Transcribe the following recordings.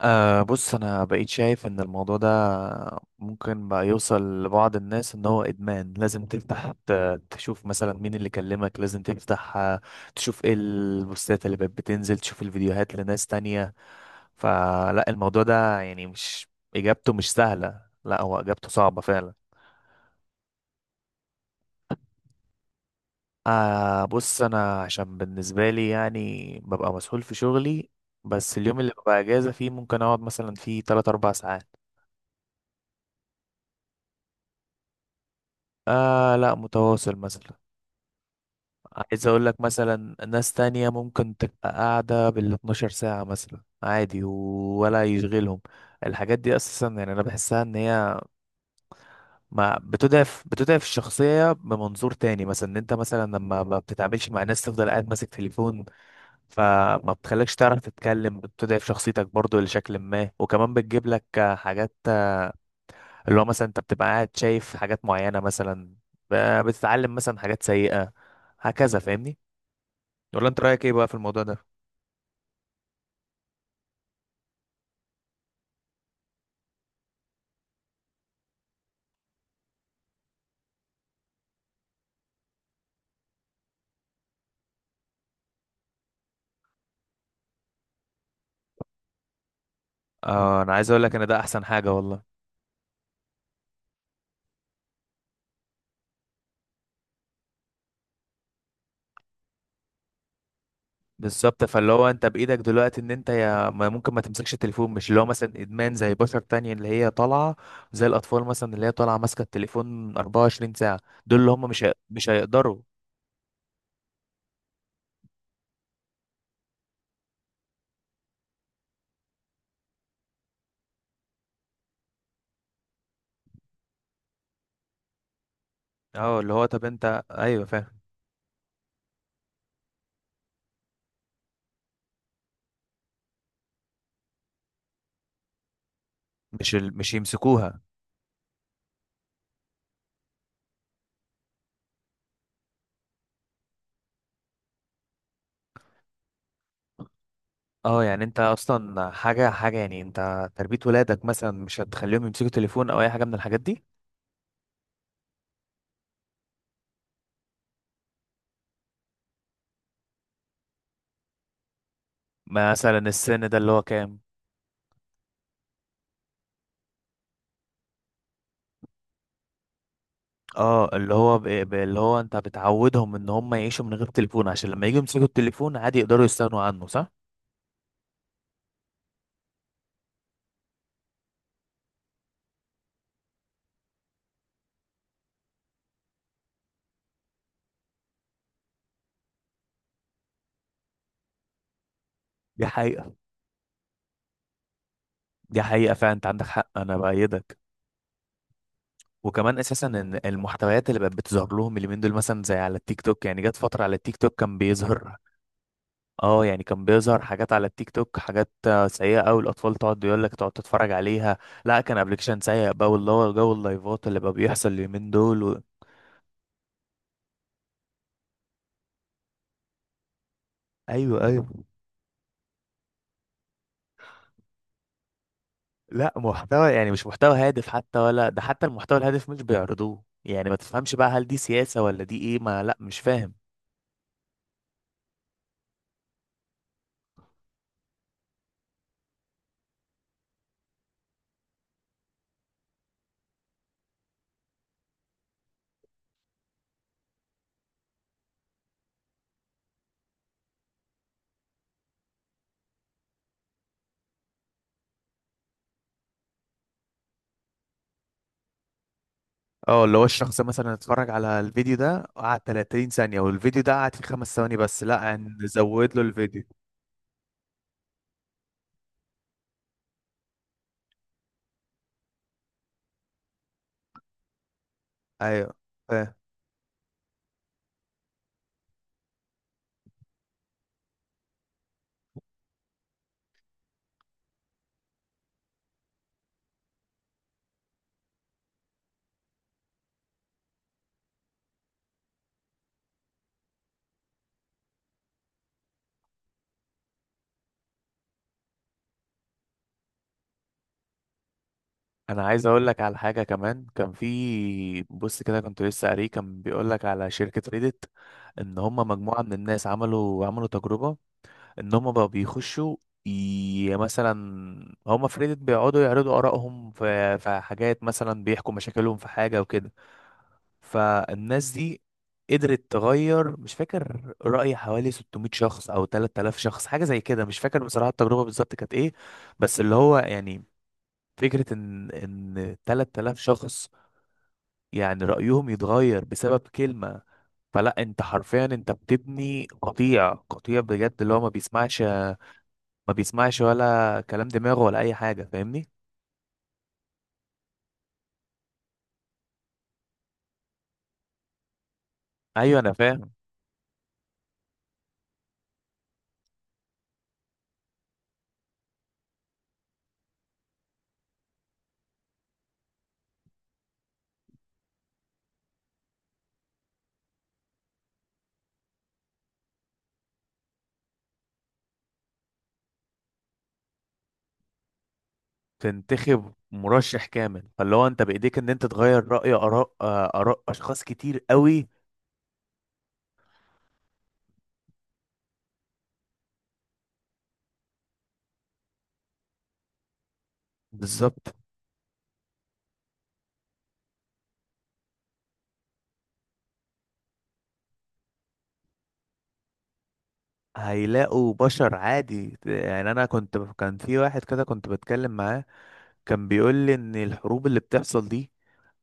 أه، بص انا بقيت شايف ان الموضوع ده ممكن بقى يوصل لبعض الناس ان هو ادمان. لازم تفتح، تشوف مثلا مين اللي كلمك، لازم تفتح تشوف ايه البوستات اللي بقت بتنزل، تشوف الفيديوهات لناس تانية. فلا الموضوع ده يعني مش اجابته مش سهلة، لا هو اجابته صعبة فعلا. أه، بص انا عشان بالنسبة لي يعني ببقى مسؤول في شغلي، بس اليوم اللي ببقى اجازة فيه ممكن اقعد مثلا فيه 3 4 ساعات. آه، لا متواصل مثلا. عايز اقول لك مثلا ناس تانية ممكن تبقى قاعدة بال 12 ساعة مثلا عادي ولا يشغلهم. الحاجات دي اساسا يعني انا بحسها ان هي ما بتضعف، بتضعف الشخصية بمنظور تاني، مثلا ان انت مثلا لما ما بتتعاملش مع ناس تفضل قاعد ماسك تليفون، فما بتخليكش تعرف تتكلم، بتضعف شخصيتك برضو لشكل ما، وكمان بتجيب لك حاجات اللي هو مثلا انت بتبقى قاعد شايف حاجات معينة، مثلا بتتعلم مثلا حاجات سيئة. هكذا فاهمني؟ ولا انت رأيك ايه بقى في الموضوع ده؟ اه، انا عايز اقول لك ان ده احسن حاجه والله. بالظبط، فاللي هو انت بايدك دلوقتي ان انت يا ما ممكن ما تمسكش التليفون، مش اللي هو مثلا ادمان زي بشر تانية اللي هي طالعه، زي الاطفال مثلا اللي هي طالعه ماسكه التليفون 24 ساعه. دول اللي هم مش هيقدروا. اه اللي هو طب انت، ايوه فاهم. مش يمسكوها. اه يعني انت اصلا، حاجه حاجه، يعني انت تربيه ولادك مثلا مش هتخليهم يمسكوا تليفون او اي حاجه من الحاجات دي. مثلا السن ده اللي هو كام؟ اه اللي هو انت بتعودهم ان هم يعيشوا من غير تليفون عشان لما يجوا يمسكوا التليفون عادي يقدروا يستغنوا عنه، صح؟ دي حقيقة، دي حقيقة فعلا، انت عندك حق، انا بأيدك. وكمان اساسا ان المحتويات اللي بقت بتظهر لهم اليومين دول، مثلا زي على التيك توك، يعني جت فترة على التيك توك كان بيظهر. اه يعني كان بيظهر حاجات على التيك توك، حاجات سيئة أوي، الأطفال تقعد يقول لك تقعد تتفرج عليها. لا كان ابلكيشن سيء بقى، واللي هو جو اللايفات اللي بقى بيحصل اليومين دول و... ايوه، ايوه. لا محتوى يعني مش محتوى هادف حتى، ولا ده حتى المحتوى الهادف مش بيعرضوه، يعني ما تفهمش بقى هل دي سياسة ولا دي ايه، ما لا مش فاهم. اه اللي هو الشخص مثلا اتفرج على الفيديو ده قعد 30 ثانية، والفيديو ده قعد فيه خمس ثواني بس، لا نزود له الفيديو. ايوه فاهم. انا عايز اقول لك على حاجه كمان، كان في بص كده كنت لسه قاريه، كان بيقول لك على شركه ريدت ان هم مجموعه من الناس عملوا تجربه، ان هم بقى بيخشوا، مثلا هم في ريدت بيقعدوا يعرضوا ارائهم في حاجات، مثلا بيحكوا مشاكلهم في حاجه وكده. فالناس دي قدرت تغير، مش فاكر، رأي حوالي 600 شخص او 3000 شخص حاجه زي كده، مش فاكر بصراحه التجربه بالظبط كانت ايه. بس اللي هو يعني فكرة ان 3000 شخص يعني رأيهم يتغير بسبب كلمة، فلا انت حرفيا انت بتبني قطيع، قطيع بجد اللي هو ما بيسمعش، ما بيسمعش ولا كلام دماغه ولا اي حاجة، فاهمني؟ ايوه انا فاهم. تنتخب مرشح كامل، فاللي هو انت بايديك ان انت تغير رأي، اراء اشخاص كتير قوي. بالظبط، هيلاقوا بشر عادي. يعني انا كنت، كان في واحد كده كنت بتكلم معاه، كان بيقول لي ان الحروب اللي بتحصل دي،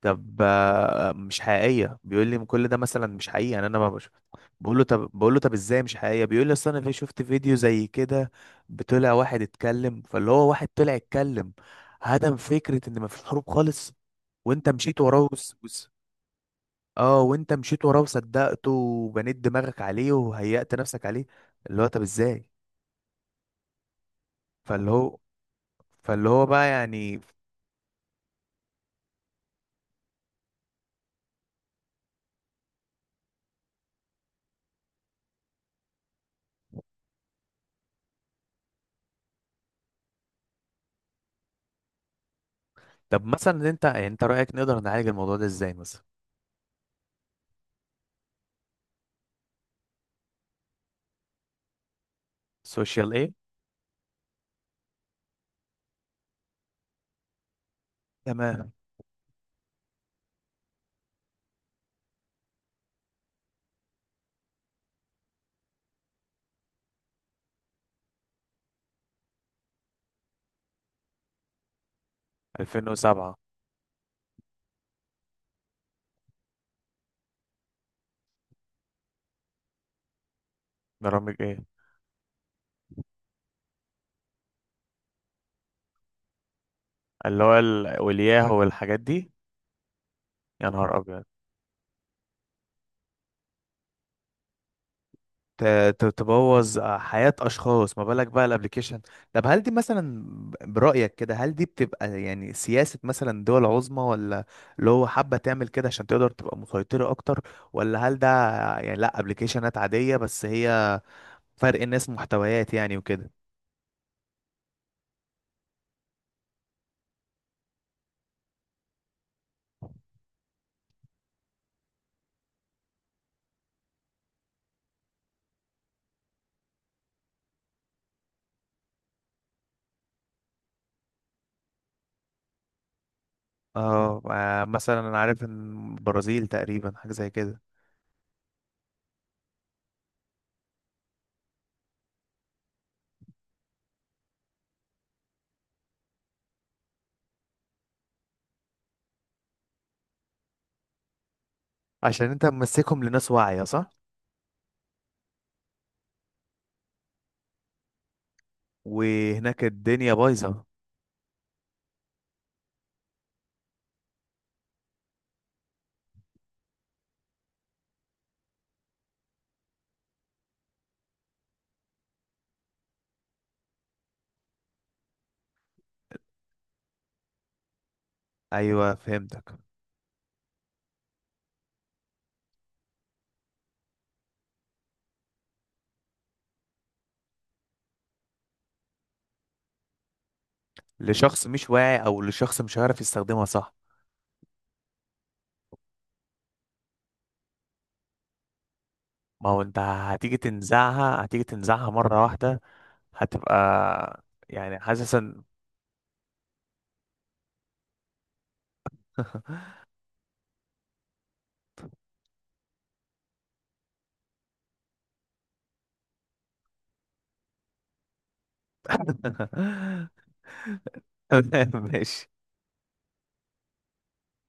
طب مش حقيقيه، بيقول لي كل ده مثلا مش حقيقي يعني انا ما بشوف. بقول له طب ازاي مش حقيقيه؟ بيقول لي اصل انا في شفت فيديو زي كده، بطلع واحد اتكلم، فاللي هو واحد طلع اتكلم هدم فكره ان ما فيش حروب خالص، وانت مشيت وراه اه، وانت مشيت وراه وصدقته وبنيت دماغك عليه وهيأت نفسك عليه. اللي هو طب ازاي؟ فاللي هو، فاللي هو بقى يعني، طب مثلا انت يعني انت رأيك نقدر نعالج الموضوع ده ازاي مثلا؟ سوشيال ايه؟ تمام. 2007؟ برامج ايه؟ اللي هو ال- والياهو والحاجات دي. يا نهار ابيض، ت- تبوظ حياة اشخاص، ما بالك بقى الابليكيشن. طب هل دي مثلا برأيك كده هل دي بتبقى يعني سياسة مثلا دول عظمى، ولا اللي هو حابة تعمل كده عشان تقدر تبقى مسيطرة اكتر، ولا هل ده يعني لا ابليكيشنات عادية بس هي فرق الناس، محتويات يعني وكده؟ اه مثلا انا عارف ان البرازيل تقريبا حاجه زي كده. عشان انت ممسكهم لناس واعيه، صح. وهناك الدنيا بايظه. ايوه فهمتك. لشخص مش واعي او لشخص مش هيعرف يستخدمها، صح. ما هو انت هتيجي تنزعها، هتيجي تنزعها مره واحده، هتبقى يعني حاسس ان ماشي.